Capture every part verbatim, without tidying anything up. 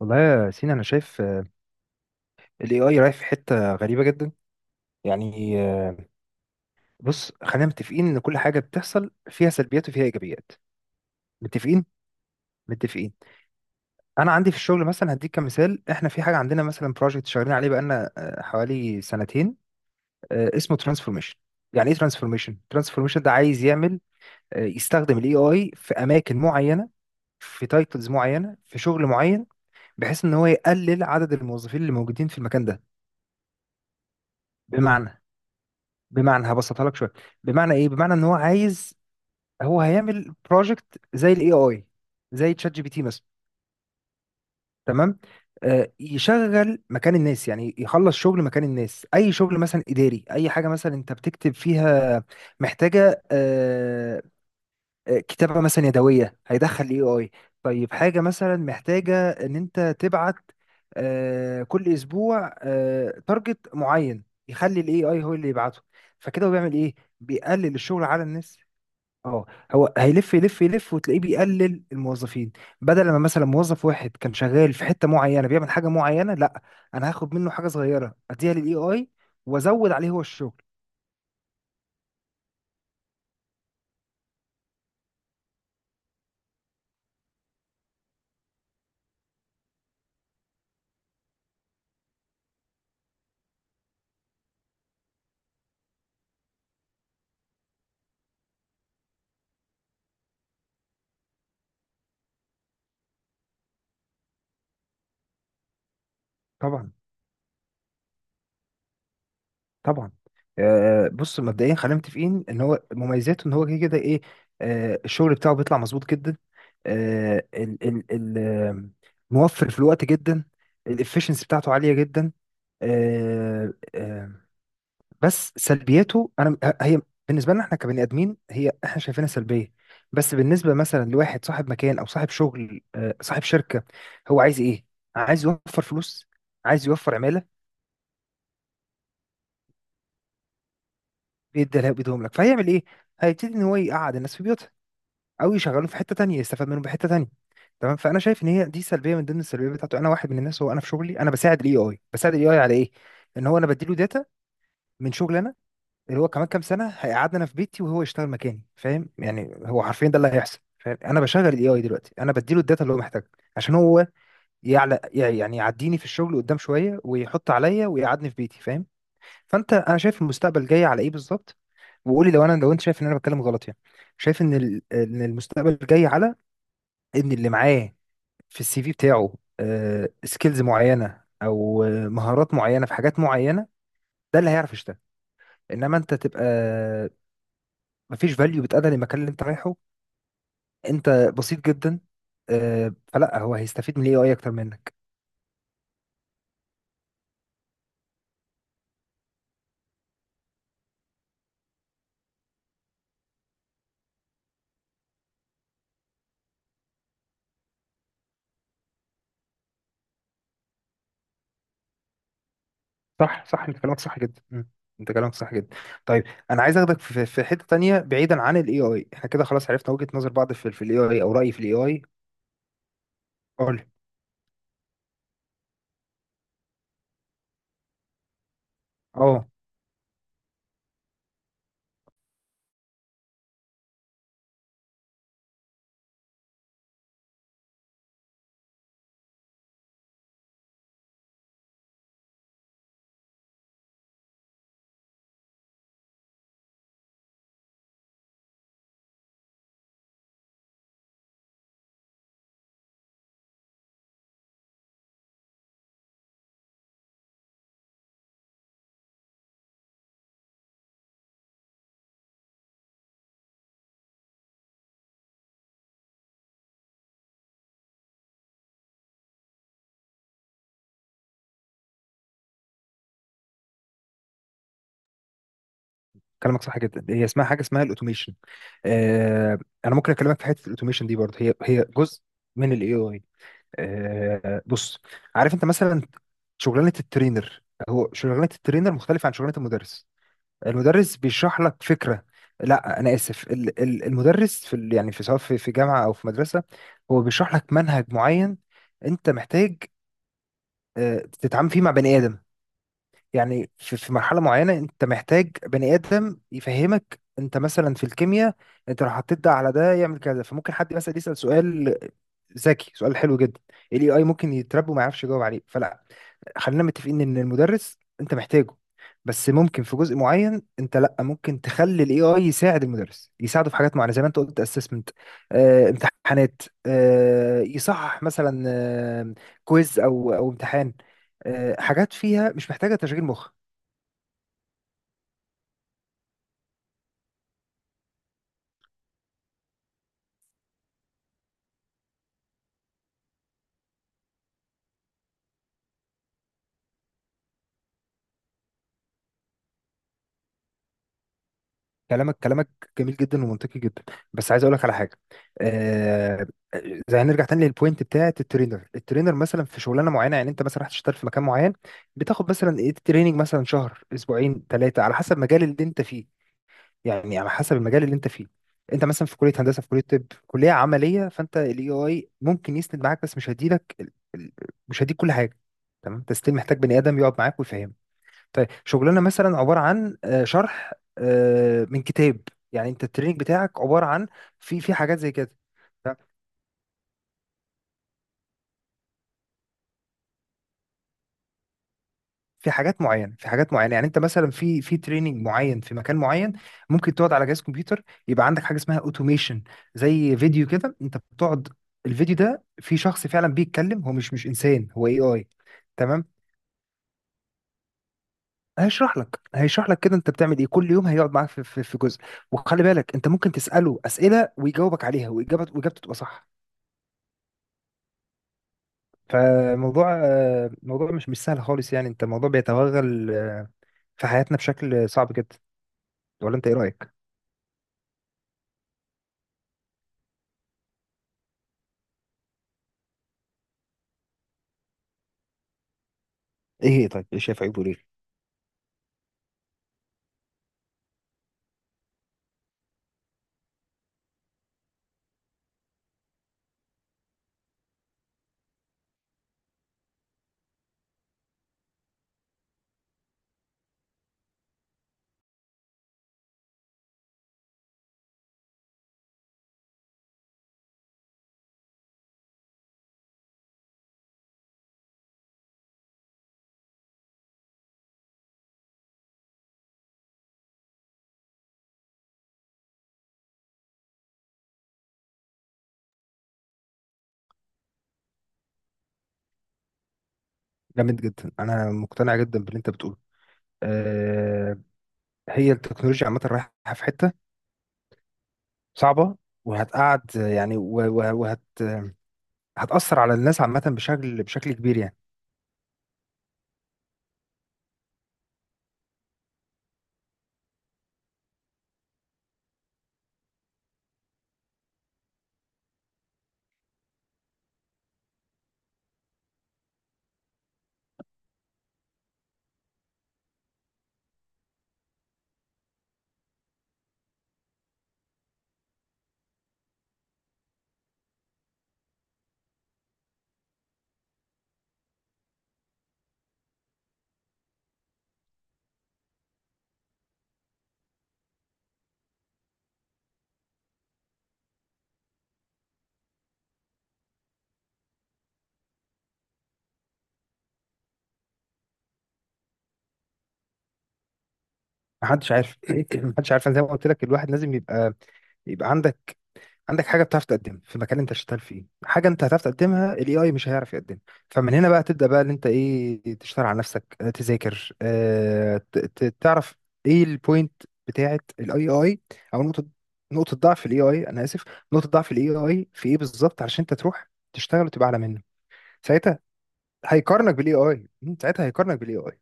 والله يا سينا انا شايف الاي اي رايح في حته غريبه جدا. يعني آه، بص، خلينا متفقين ان كل حاجه بتحصل فيها سلبيات وفيها ايجابيات. متفقين. متفقين. انا عندي في الشغل مثلا، هديك كمثال، احنا في حاجه عندنا مثلا، بروجكت شغالين عليه بقالنا آه، حوالي سنتين، آه، اسمه ترانسفورميشن. يعني ايه ترانسفورميشن ترانسفورميشن ده عايز يعمل، آه، يستخدم الاي اي في اماكن معينه، في تايتلز معينه، في شغل معين، بحيث ان هو يقلل عدد الموظفين اللي موجودين في المكان ده. بمعنى، بمعنى هبسطها لك شويه. بمعنى ايه؟ بمعنى ان هو عايز، هو هيعمل بروجكت زي الاي اي، زي تشات جي بي تي مثلا. تمام. آه يشغل مكان الناس، يعني يخلص شغل مكان الناس، اي شغل مثلا اداري، اي حاجه مثلا انت بتكتب فيها محتاجه آه، آه، كتابة مثلا يدوية، هيدخل اي اي. طيب، حاجة مثلا محتاجة ان انت تبعت آه، كل اسبوع تارجت معين، يخلي الاي اي هو اللي يبعته. فكده هو بيعمل ايه؟ بيقلل الشغل على الناس. اه. هو هيلف يلف يلف وتلاقيه بيقلل الموظفين. بدل ما مثلا موظف واحد كان شغال في حتة معينة بيعمل حاجة معينة، لا، انا هاخد منه حاجة صغيرة اديها للاي اي وازود عليه هو الشغل. طبعا. طبعا. آه، بص، مبدئيا خلينا متفقين ان هو مميزاته ان هو كده كده ايه، آه، الشغل بتاعه بيطلع مظبوط جدا، آه، ال ال ال آه، موفر في الوقت جدا، الافشنسي بتاعته عاليه جدا. آه، آه، بس سلبياته، انا هي بالنسبه لنا احنا كبني ادمين هي احنا شايفينها سلبيه، بس بالنسبه مثلا لواحد صاحب مكان او صاحب شغل آه، صاحب شركه، هو عايز ايه؟ عايز يوفر فلوس. عايز يوفر. بيديها لها- بيديهم لك، فهيعمل ايه؟ هيبتدي ان هو يقعد الناس في بيوتها، او يشغلهم في حته تانية يستفاد منهم بحته تانية. تمام، فانا شايف ان هي دي سلبيه من ضمن السلبيات بتاعته. انا واحد من الناس، هو انا في شغلي انا بساعد الاي اي. بساعد الاي اي على ايه؟ ان هو انا بديله داتا من شغل انا، اللي هو كمان كام سنه هيقعدنا انا في بيتي وهو يشتغل مكاني. فاهم يعني؟ هو حرفيا ده اللي هيحصل، فاهم؟ انا بشغل الاي اي دلوقتي، انا بديله الداتا اللي هو محتاجها عشان هو يعلى، يعني يعديني في الشغل قدام شويه ويحط عليا ويقعدني في بيتي، فاهم؟ فانت، انا شايف المستقبل جاي على ايه بالظبط، وقولي لو انا، لو انت شايف ان انا بتكلم غلط يعني. شايف ان ال- ان المستقبل جاي على ان اللي معاه في السي في بتاعه سكيلز معينه، او آه، مهارات معينه في حاجات معينه، ده اللي هيعرف يشتغل. انما انت تبقى مفيش فاليو بتأدى للمكان اللي انت رايحه، انت بسيط جدا، آه، فلا، هو هيستفيد من الاي اي اكتر منك. صح، صح، انت كلامك صح جدا. مم. انت كلامك صح جدا. طيب، انا عايز اخدك في في حته تانية بعيدا عن الاي اي، احنا كده خلاص عرفنا وجهه نظر بعض في الاي اي او رايي في الاي اي. قول. اه كلامك صح جدا، هي اسمها حاجه، اسمها الاوتوميشن. آه، انا ممكن اكلمك في حته الاوتوميشن دي برضه، هي هي جزء من الاي اي. آه بص، عارف انت مثلا شغلانه الترينر؟ هو شغلانه الترينر مختلفه عن شغلانه المدرس. المدرس بيشرح لك فكره، لا انا اسف، ال- ال- المدرس في ال- يعني في، سواء في في جامعه او في مدرسه، هو بيشرح لك منهج معين، انت محتاج آه، تتعامل فيه مع بني ادم. يعني في في مرحلة معينة انت محتاج بني آدم يفهمك، انت مثلا في الكيمياء، انت لو حطيت ده على ده يعمل كذا، فممكن حد مثلا يسأل سؤال ذكي، سؤال حلو جدا، الاي اي ممكن يتربى وما يعرفش يجاوب عليه. فلا، خلينا متفقين ان المدرس انت محتاجه، بس ممكن في جزء معين انت، لا، ممكن تخلي الاي اي يساعد المدرس، يساعده في حاجات معينة زي ما انت قلت، اسسمنت، آه امتحانات، آه يصحح مثلا، آه كويز او او امتحان، آه، حاجات فيها مش محتاجة تشغيل مخ. كلامك كلامك جميل جدا ومنطقي جدا، بس عايز اقول لك على حاجه. آه زي، هنرجع تاني للبوينت بتاعت الترينر. الترينر مثلا في شغلانه معينه، يعني انت مثلا رحت تشتغل في مكان معين، بتاخد مثلا ايه؟ تريننج، مثلا شهر، اسبوعين، ثلاثه على حسب المجال اللي انت فيه. يعني على حسب المجال اللي انت فيه، انت مثلا في كليه هندسه، في كليه طب، كليه عمليه، فانت الاي اي ممكن يسند معاك، بس مش هيديلك ال- ال- مش هيديك كل حاجه. تمام؟ انت ستيل محتاج بني ادم يقعد معاك ويفهمك. طيب شغلنا مثلا عبارة عن آه، شرح آه، من كتاب، يعني انت التريننج بتاعك عبارة عن، في في حاجات زي كده، تمام؟ في حاجات معينة، في حاجات معينة، يعني انت مثلا في في تريننج معين في مكان معين، ممكن تقعد على جهاز كمبيوتر، يبقى عندك حاجة اسمها اوتوميشن، زي فيديو كده انت بتقعد. الفيديو ده في شخص فعلا بيتكلم، هو مش مش انسان، هو اي اي. تمام. هيشرح لك هيشرح لك كده انت بتعمل ايه كل يوم، هيقعد معاك في في في جزء، وخلي بالك انت ممكن تسأله أسئلة ويجاوبك عليها، واجابته واجابته تبقى صح. فموضوع آه، موضوع مش مش سهل خالص، يعني انت الموضوع بيتوغل آه، في حياتنا بشكل صعب جدا، ولا انت ايه رأيك؟ ايه هي؟ طيب ايه شايف عيبه ليه؟ جامد جدا، انا مقتنع جدا باللي انت بتقوله. أه، هي التكنولوجيا عامة رايحة في حتة صعبة، وهتقعد آه، يعني و- و- وهت هتأثر على الناس عامة بشكل بشكل كبير يعني. محدش عارف. محدش عارف، أنا زي ما قلت لك الواحد لازم يبقى، يبقى عندك، عندك حاجه بتعرف تقدمها في مكان انت شغال فيه، حاجه انت هتعرف تقدمها الاي اي مش هيعرف يقدمها. فمن هنا بقى تبدا بقى ان انت ايه، تشتغل على نفسك، آه، تذاكر، آه، ت- ت- تعرف ايه البوينت بتاعت الاي اي، او نقطه، نقطه ضعف الاي اي، انا اسف، نقطه ضعف الاي اي في ايه بالظبط، علشان انت تروح تشتغل وتبقى اعلى منه. ساعتها هيقارنك بالاي اي. ساعتها هيقارنك بالاي اي.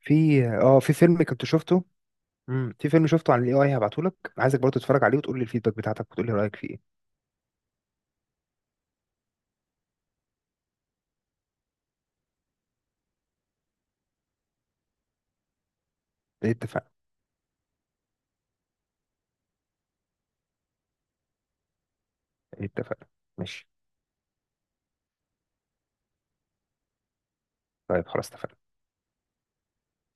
في اه في فيلم كنت شفته، مم، في فيلم شفته عن الاي اي، هبعته لك، عايزك برضه تتفرج عليه وتقول لي الفيدباك بتاعتك وتقول لي رايك فيه. ايه، اتفقنا. اتفقنا. ماشي. طيب خلاص اتفقنا.